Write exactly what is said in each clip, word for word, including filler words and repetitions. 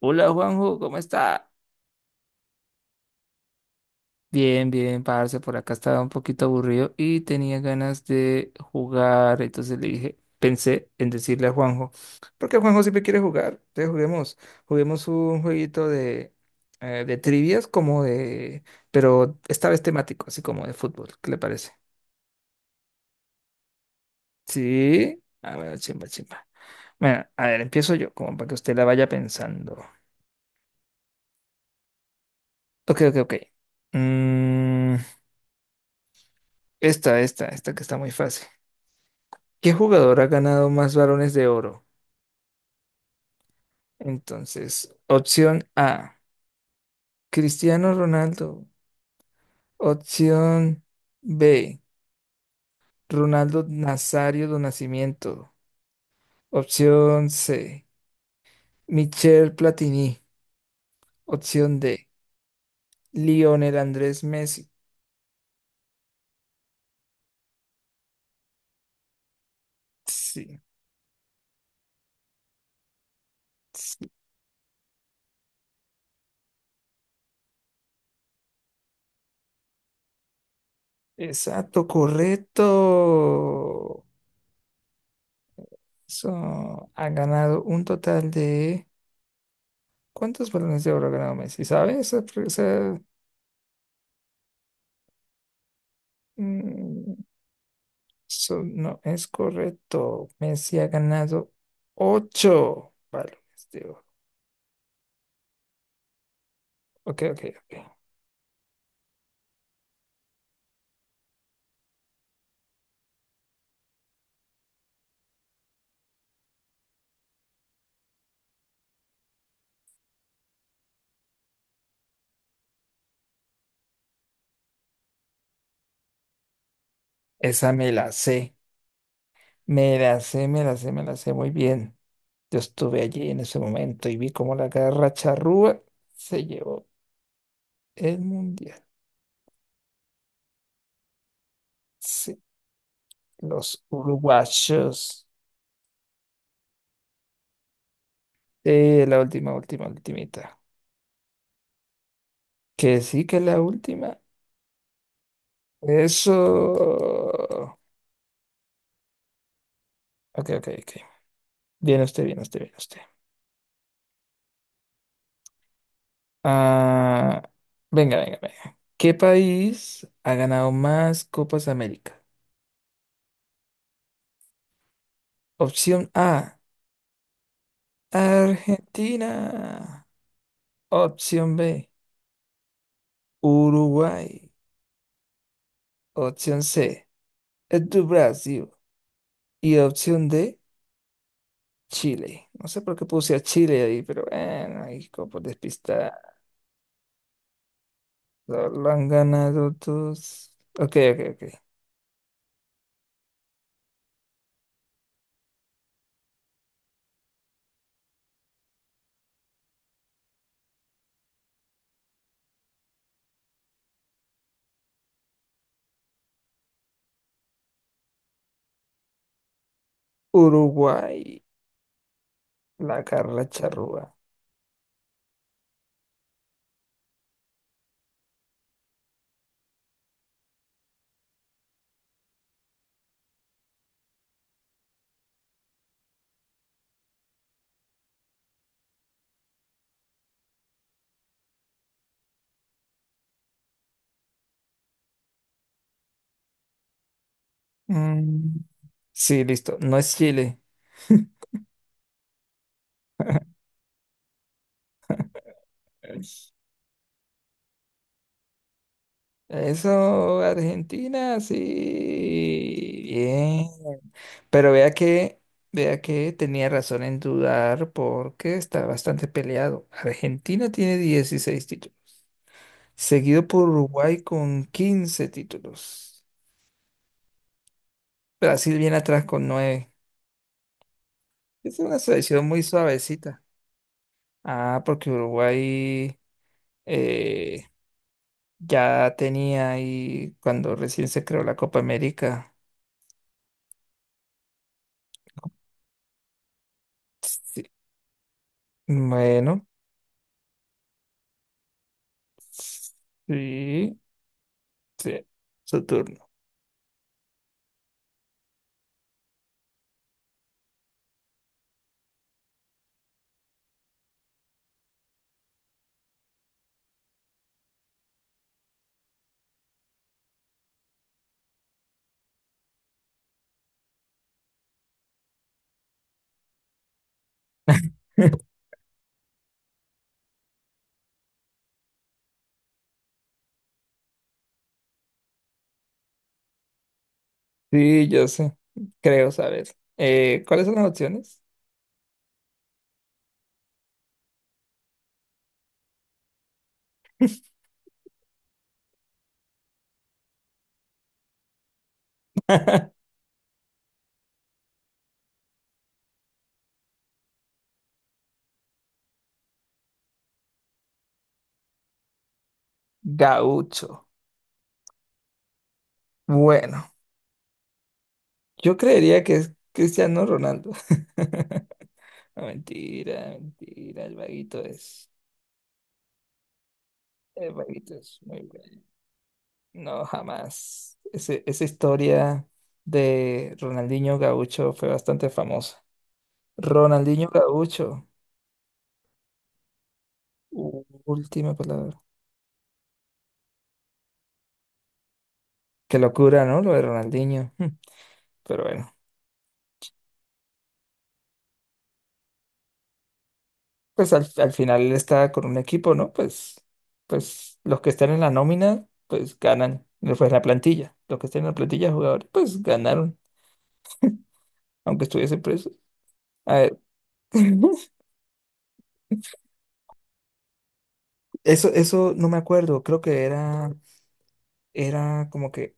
Hola Juanjo, ¿cómo está? Bien, bien, parce, por acá estaba un poquito aburrido y tenía ganas de jugar, entonces le dije, pensé en decirle a Juanjo, porque Juanjo siempre quiere jugar, entonces juguemos, juguemos un jueguito de, eh, de trivias como de, pero esta vez temático, así como de fútbol, ¿qué le parece? Sí, a ver, chimba, chimba. Bueno, a ver, empiezo yo, como para que usted la vaya pensando. Ok, ok, ok. Mm, esta, esta, esta que está muy fácil. ¿Qué jugador ha ganado más balones de oro? Entonces, opción A, Cristiano Ronaldo. Opción B, Ronaldo Nazario do Nascimento. Opción C, Michel Platini. Opción D, Lionel Andrés Messi. Sí, sí, exacto, correcto. So, ha ganado un total de... ¿Cuántos balones de oro ha ganado Messi? ¿Sabes? Esa- esa- Mm, Eso no es correcto. Messi ha ganado ocho balones de oro. Ok, ok, ok. Esa me la sé. Me la sé, me la sé, me la sé muy bien. Yo estuve allí en ese momento y vi cómo la garra charrúa se llevó el mundial. Sí, los uruguayos. Eh, la última, última, ultimita. Que sí que la última. Eso. Ok, ok, ok. Bien usted, bien usted, bien usted. Ah, venga, venga, venga. ¿Qué país ha ganado más Copas América? Opción A, Argentina. Opción B, Uruguay. Opción C, es de Brasil. Y opción D, Chile. No sé por qué puse a Chile ahí, pero bueno, ahí como despistado. Lo lo han ganado todos. Ok, ok, ok. Uruguay, la Carla Charrúa. Mm. Sí, listo. No es Chile. Eso, Argentina, sí, bien. Pero vea que, vea que tenía razón en dudar porque está bastante peleado. Argentina tiene dieciséis títulos, seguido por Uruguay con quince títulos. Brasil viene atrás con nueve. Es una selección muy suavecita. Ah, porque Uruguay eh, ya tenía ahí cuando recién se creó la Copa América. Sí. Bueno, sí, sí, Saturno. Sí, yo sé, creo saber. Eh, ¿cuáles son las opciones? Gaucho. Bueno, yo creería que es Cristiano Ronaldo. No, mentira, mentira, el vaguito es. El vaguito es muy bueno. No, jamás. Ese- esa historia de Ronaldinho Gaucho fue bastante famosa. Ronaldinho Gaucho, última palabra. Qué locura, ¿no? Lo de Ronaldinho. Mm. Pero bueno, pues al, al final él está con un equipo, ¿no? Pues, pues los que están en la nómina, pues ganan. No fue la plantilla. Los que están en la plantilla de jugadores, pues ganaron, aunque estuviese preso. A ver, eso, eso no me acuerdo. Creo que era, era como que,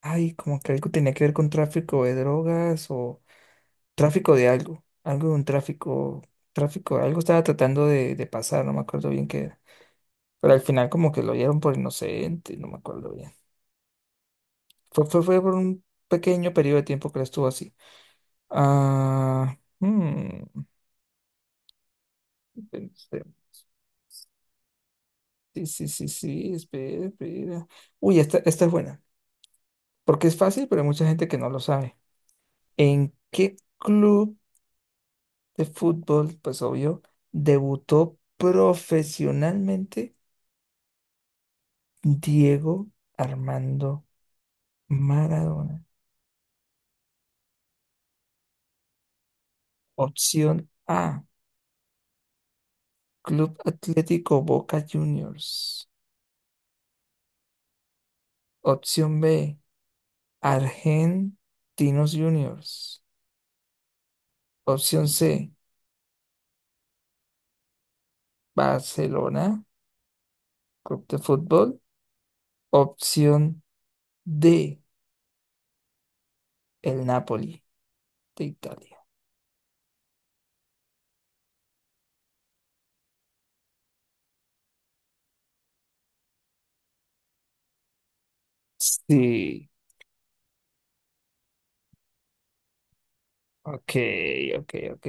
ay, como que algo tenía que ver con tráfico de drogas o tráfico de algo. Algo de un tráfico, tráfico, algo estaba tratando de, de pasar, no me acuerdo bien qué era. Pero al final como que lo dieron por inocente, no me acuerdo bien. Fue, fue, fue por un pequeño periodo de tiempo que la estuvo así. Ah, hmm, pensemos. Sí, sí, sí, sí, espera, espera. Uy, esta, esta es buena, porque es fácil, pero hay mucha gente que no lo sabe. ¿En qué club de fútbol, pues obvio, debutó profesionalmente Diego Armando Maradona? Opción A. Club Atlético Boca Juniors. Opción B, Argentinos Juniors. Opción C, Barcelona, Club de Fútbol. Opción D, el Napoli de Italia. Sí, ok, ok, ok.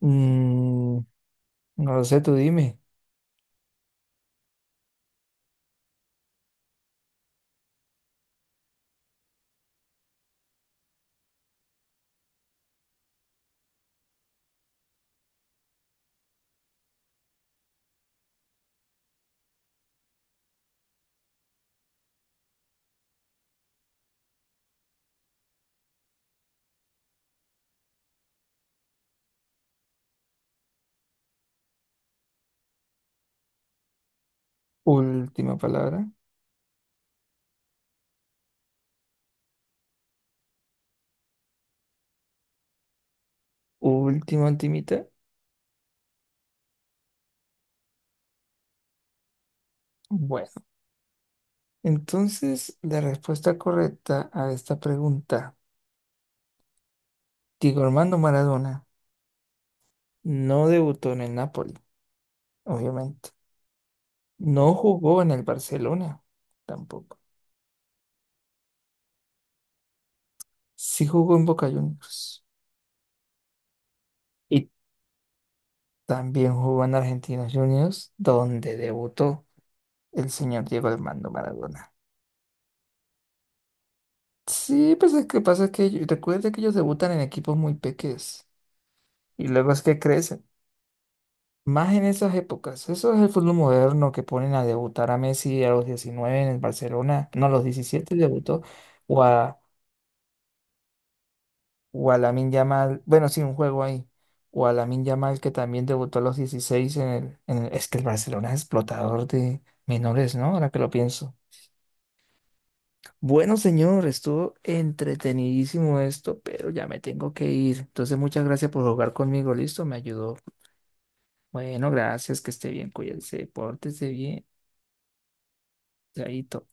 Mm, no lo sé, tú dime. Última palabra. Última, ultimita. Bueno, entonces la respuesta correcta a esta pregunta, Diego Armando Maradona no debutó en el Napoli, obviamente. No jugó en el Barcelona, tampoco. Sí jugó en Boca Juniors. Y también jugó en Argentinos Juniors, donde debutó el señor Diego Armando Maradona. Sí, pues es que pasa que yo- recuerda que ellos debutan en equipos muy pequeños y luego es que crecen. Más en esas épocas. Eso es el fútbol moderno que ponen a debutar a Messi a los diecinueve en el Barcelona. No, a los diecisiete debutó. o a o a Lamine Yamal, bueno, sí, un juego ahí, o a Lamine Yamal que también debutó a los dieciséis en el, en el- es que el Barcelona es explotador de menores, ¿no? Ahora que lo pienso. Bueno, señor, estuvo entretenidísimo esto, pero ya me tengo que ir. Entonces, muchas gracias por jugar conmigo, listo, me ayudó. Bueno, gracias, que esté bien, cuídense, pórtese bien, chaito.